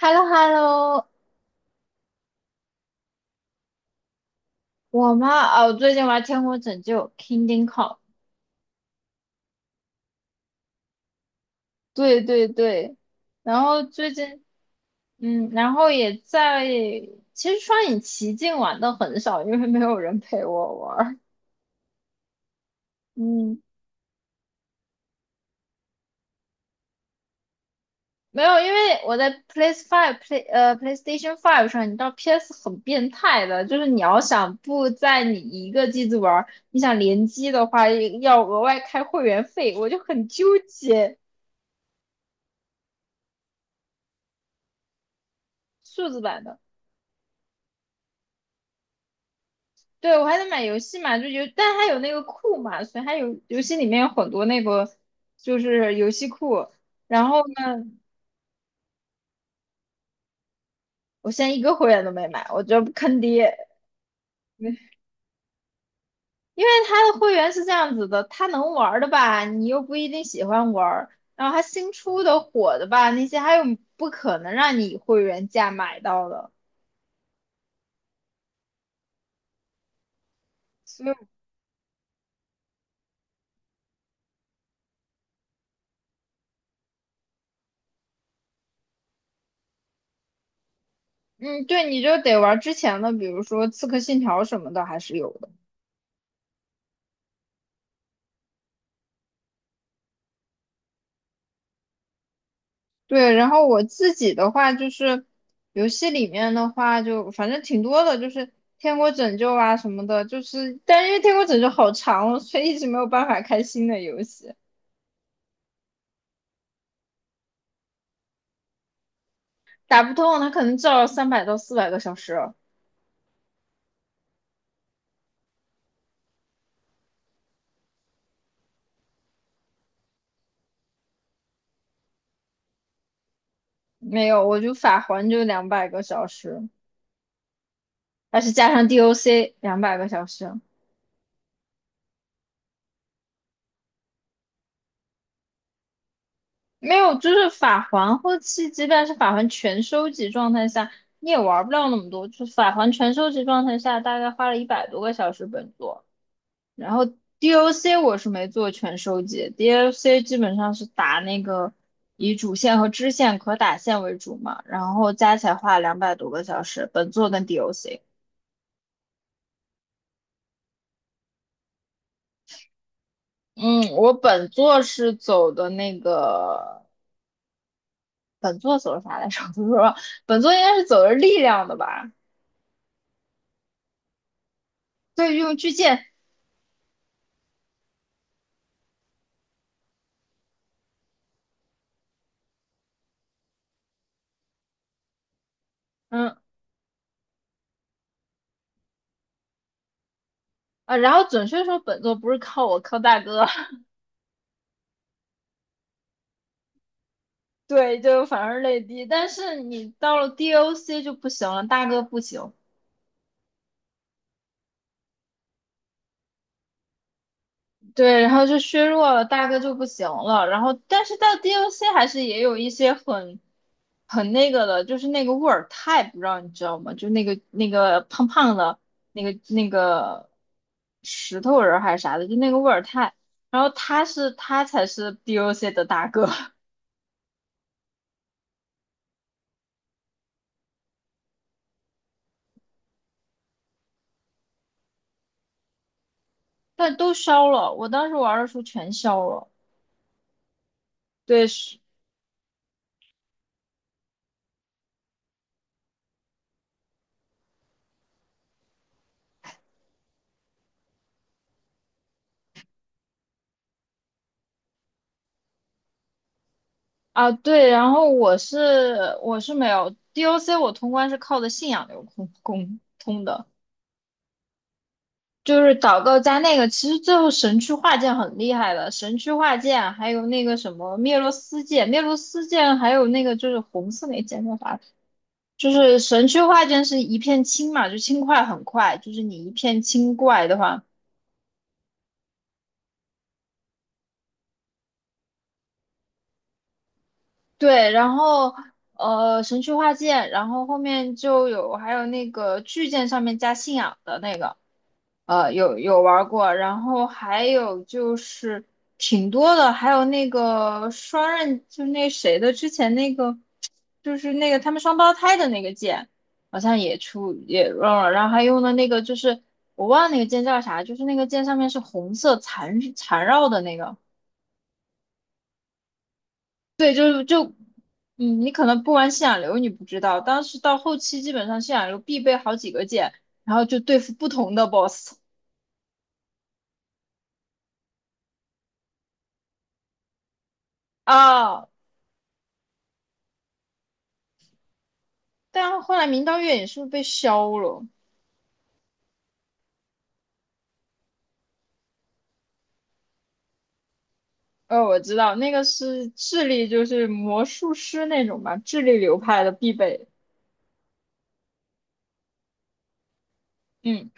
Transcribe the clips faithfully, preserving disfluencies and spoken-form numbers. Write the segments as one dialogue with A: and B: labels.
A: h e l l o h e l l o 我妈哦，最近玩《天国拯救》（Kingdom Come），对对对，然后最近嗯，然后也在，其实双影奇境玩的很少，因为没有人陪我玩儿。嗯，没有，因为我在 PS l a Five、Play 呃 PlayStation Five 上，你知道 P S 很变态的，就是你要想不在你一个机子玩儿，你想联机的话，要额外开会员费，我就很纠结。数字版的。对，我还得买游戏嘛，就游，但它有那个库嘛，所以它有游戏里面有很多那个就是游戏库。然后呢，我现在一个会员都没买，我觉得坑爹，因为它的会员是这样子的，它能玩儿的吧，你又不一定喜欢玩儿，然后它新出的火的吧，那些还有不可能让你以会员价买到的，所以嗯，对，你就得玩儿之前的，比如说《刺客信条》什么的，还是有的。对，然后我自己的话就是游戏里面的话就反正挺多的，就是《天国拯救》啊什么的，就是但是因为《天国拯救》好长哦所以一直没有办法开新的游戏，打不通，它可能至少三百到四百个小时，没有，我就法环就两百个小时，但是加上 D O C 两百个小时，没有，就是法环后期即便是法环全收集状态下，你也玩不了那么多，就是法环全收集状态下大概花了一百多个小时本作。然后 D O C 我是没做全收集，D O C 基本上是打那个以主线和支线可打线为主嘛，然后加起来花了两百多个小时，本作跟 D O C。嗯，我本作是走的那个，本作走的啥来着？我不知道，本作应该是走的力量的吧？对，用巨剑，嗯啊，然后准确说本作不是靠我，靠大哥。对，就反而泪滴，但是你到了 D O C 就不行了，大哥不行。对，然后就削弱了，大哥就不行了。然后，但是到 d o c 还是也有一些很很那个的，就是那个沃尔泰，不知道你知道吗？就那个那个胖胖的那个那个石头人儿还是啥的，就那个沃尔泰。然后他是他才是 d o c 的大哥，但都消了。我当时玩的时候全消了。对，是啊，对。然后我是我是没有 d o c 我通关是靠的信仰流通通通的。就是祷告加那个，其实最后神区化剑很厉害的，神区化剑还有那个什么灭罗斯剑，灭罗斯剑还有那个就是红色那剑叫啥？就是神区化剑是一片青嘛，就青块很快，就是你一片青怪的话，对，然后呃神区化剑，然后后面就有还有那个巨剑上面加信仰的那个。呃，有有玩过，然后还有就是挺多的，还有那个双刃，就那谁的之前那个，就是那个他们双胞胎的那个剑，好像也出也用了，然后还用的那个就是我忘了那个剑叫啥，就是那个剑上面是红色缠缠绕的那个，对，就就嗯，你可能不玩信仰流你不知道，当时到后期基本上信仰流必备好几个剑，然后就对付不同的 BOSS 啊。但后来明道月影是不是被削了？哦，我知道那个是智力，就是魔术师那种吧，智力流派的必备。嗯，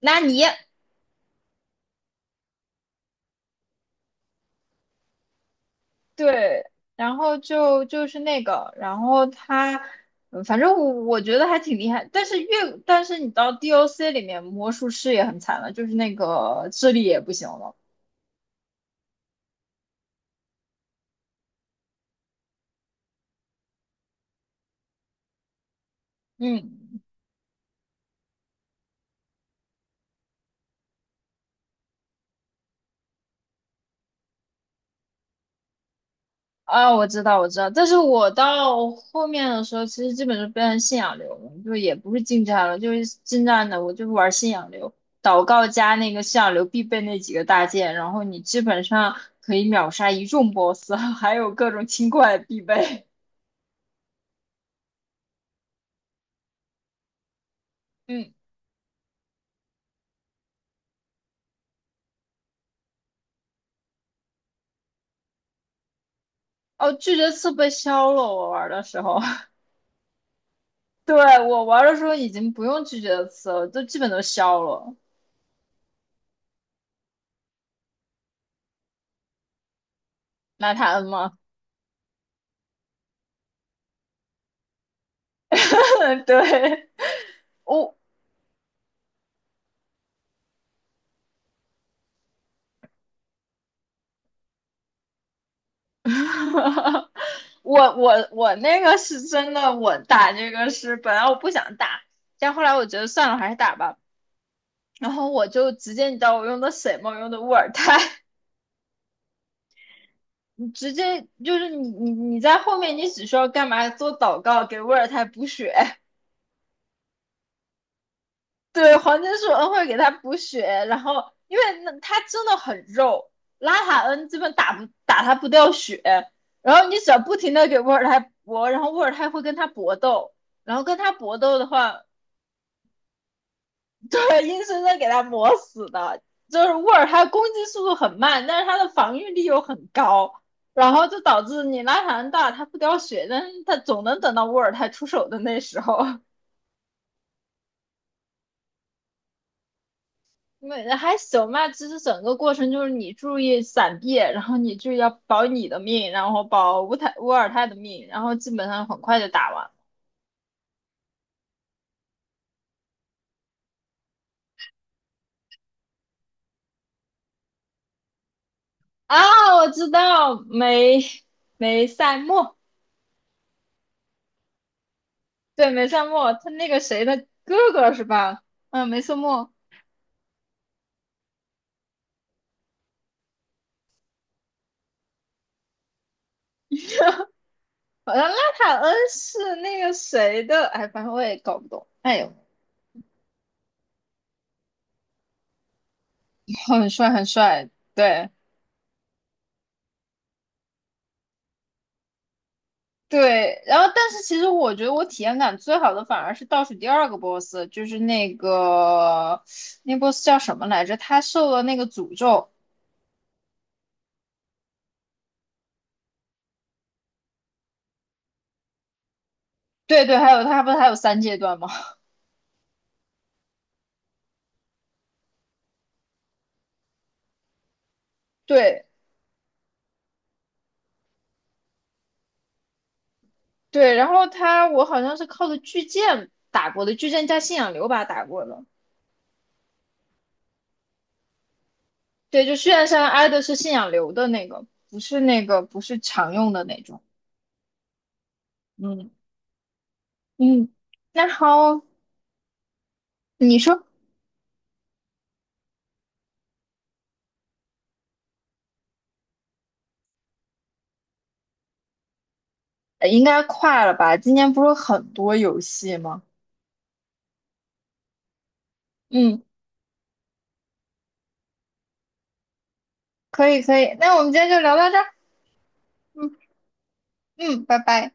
A: 纳尼？对，然后就就是那个，然后他，嗯反正我我觉得还挺厉害。但是越但是你到 D O C 里面，魔术师也很惨了，就是那个智力也不行了。嗯。啊，我知道，我知道，但是我到后面的时候，其实基本就变成信仰流了，就也不是近战了，就是近战的，我就是玩信仰流，祷告加那个信仰流必备那几个大件，然后你基本上可以秒杀一众 BOSS，还有各种清怪必备。嗯，哦，拒绝刺被消了，我玩的时候，对，我玩的时候已经不用拒绝刺了，都基本都消了。拿他恩吗？对，我 我我我那个是真的，我打这个是本来我不想打，但后来我觉得算了，还是打吧。然后我就直接，你知道我用的什么？我用的沃尔泰，你直接就是你你你在后面，你只需要干嘛？做祷告，给沃尔泰补血。对，黄金树恩会给他补血，然后因为那他真的很肉，拉塔恩基本打不打他不掉血，然后你只要不停的给沃尔泰搏，然后沃尔泰会跟他搏斗，然后跟他搏斗的话，对，硬生生给他磨死的。就是沃尔泰攻击速度很慢，但是他的防御力又很高，然后就导致你拉塔恩大他不掉血，但是他总能等到沃尔泰出手的那时候。没还行吧，其实整个过程就是你注意闪避，然后你就要保你的命，然后保乌泰乌尔泰的命，然后基本上很快就打完。啊，我知道梅梅赛莫，对梅赛莫，他那个谁的哥哥是吧？嗯，梅赛莫，好像拉塔恩是那个谁的，哎，反正我也搞不懂。哎呦，很帅很帅，对。对，然后但是其实我觉得我体验感最好的反而是倒数第二个 boss，就是那个那 boss 叫什么来着？他受了那个诅咒。对对，还有他不是还有三阶段吗？对对，然后他我好像是靠着巨剑打过的，巨剑加信仰流把他打过的。对，就虽然山挨的是信仰流的那个，不是那个不是常用的那种。嗯嗯，那好，你说呃应该快了吧？今年不是有很多游戏吗？嗯可以可以，那我们今天就聊到这儿。嗯嗯，拜拜。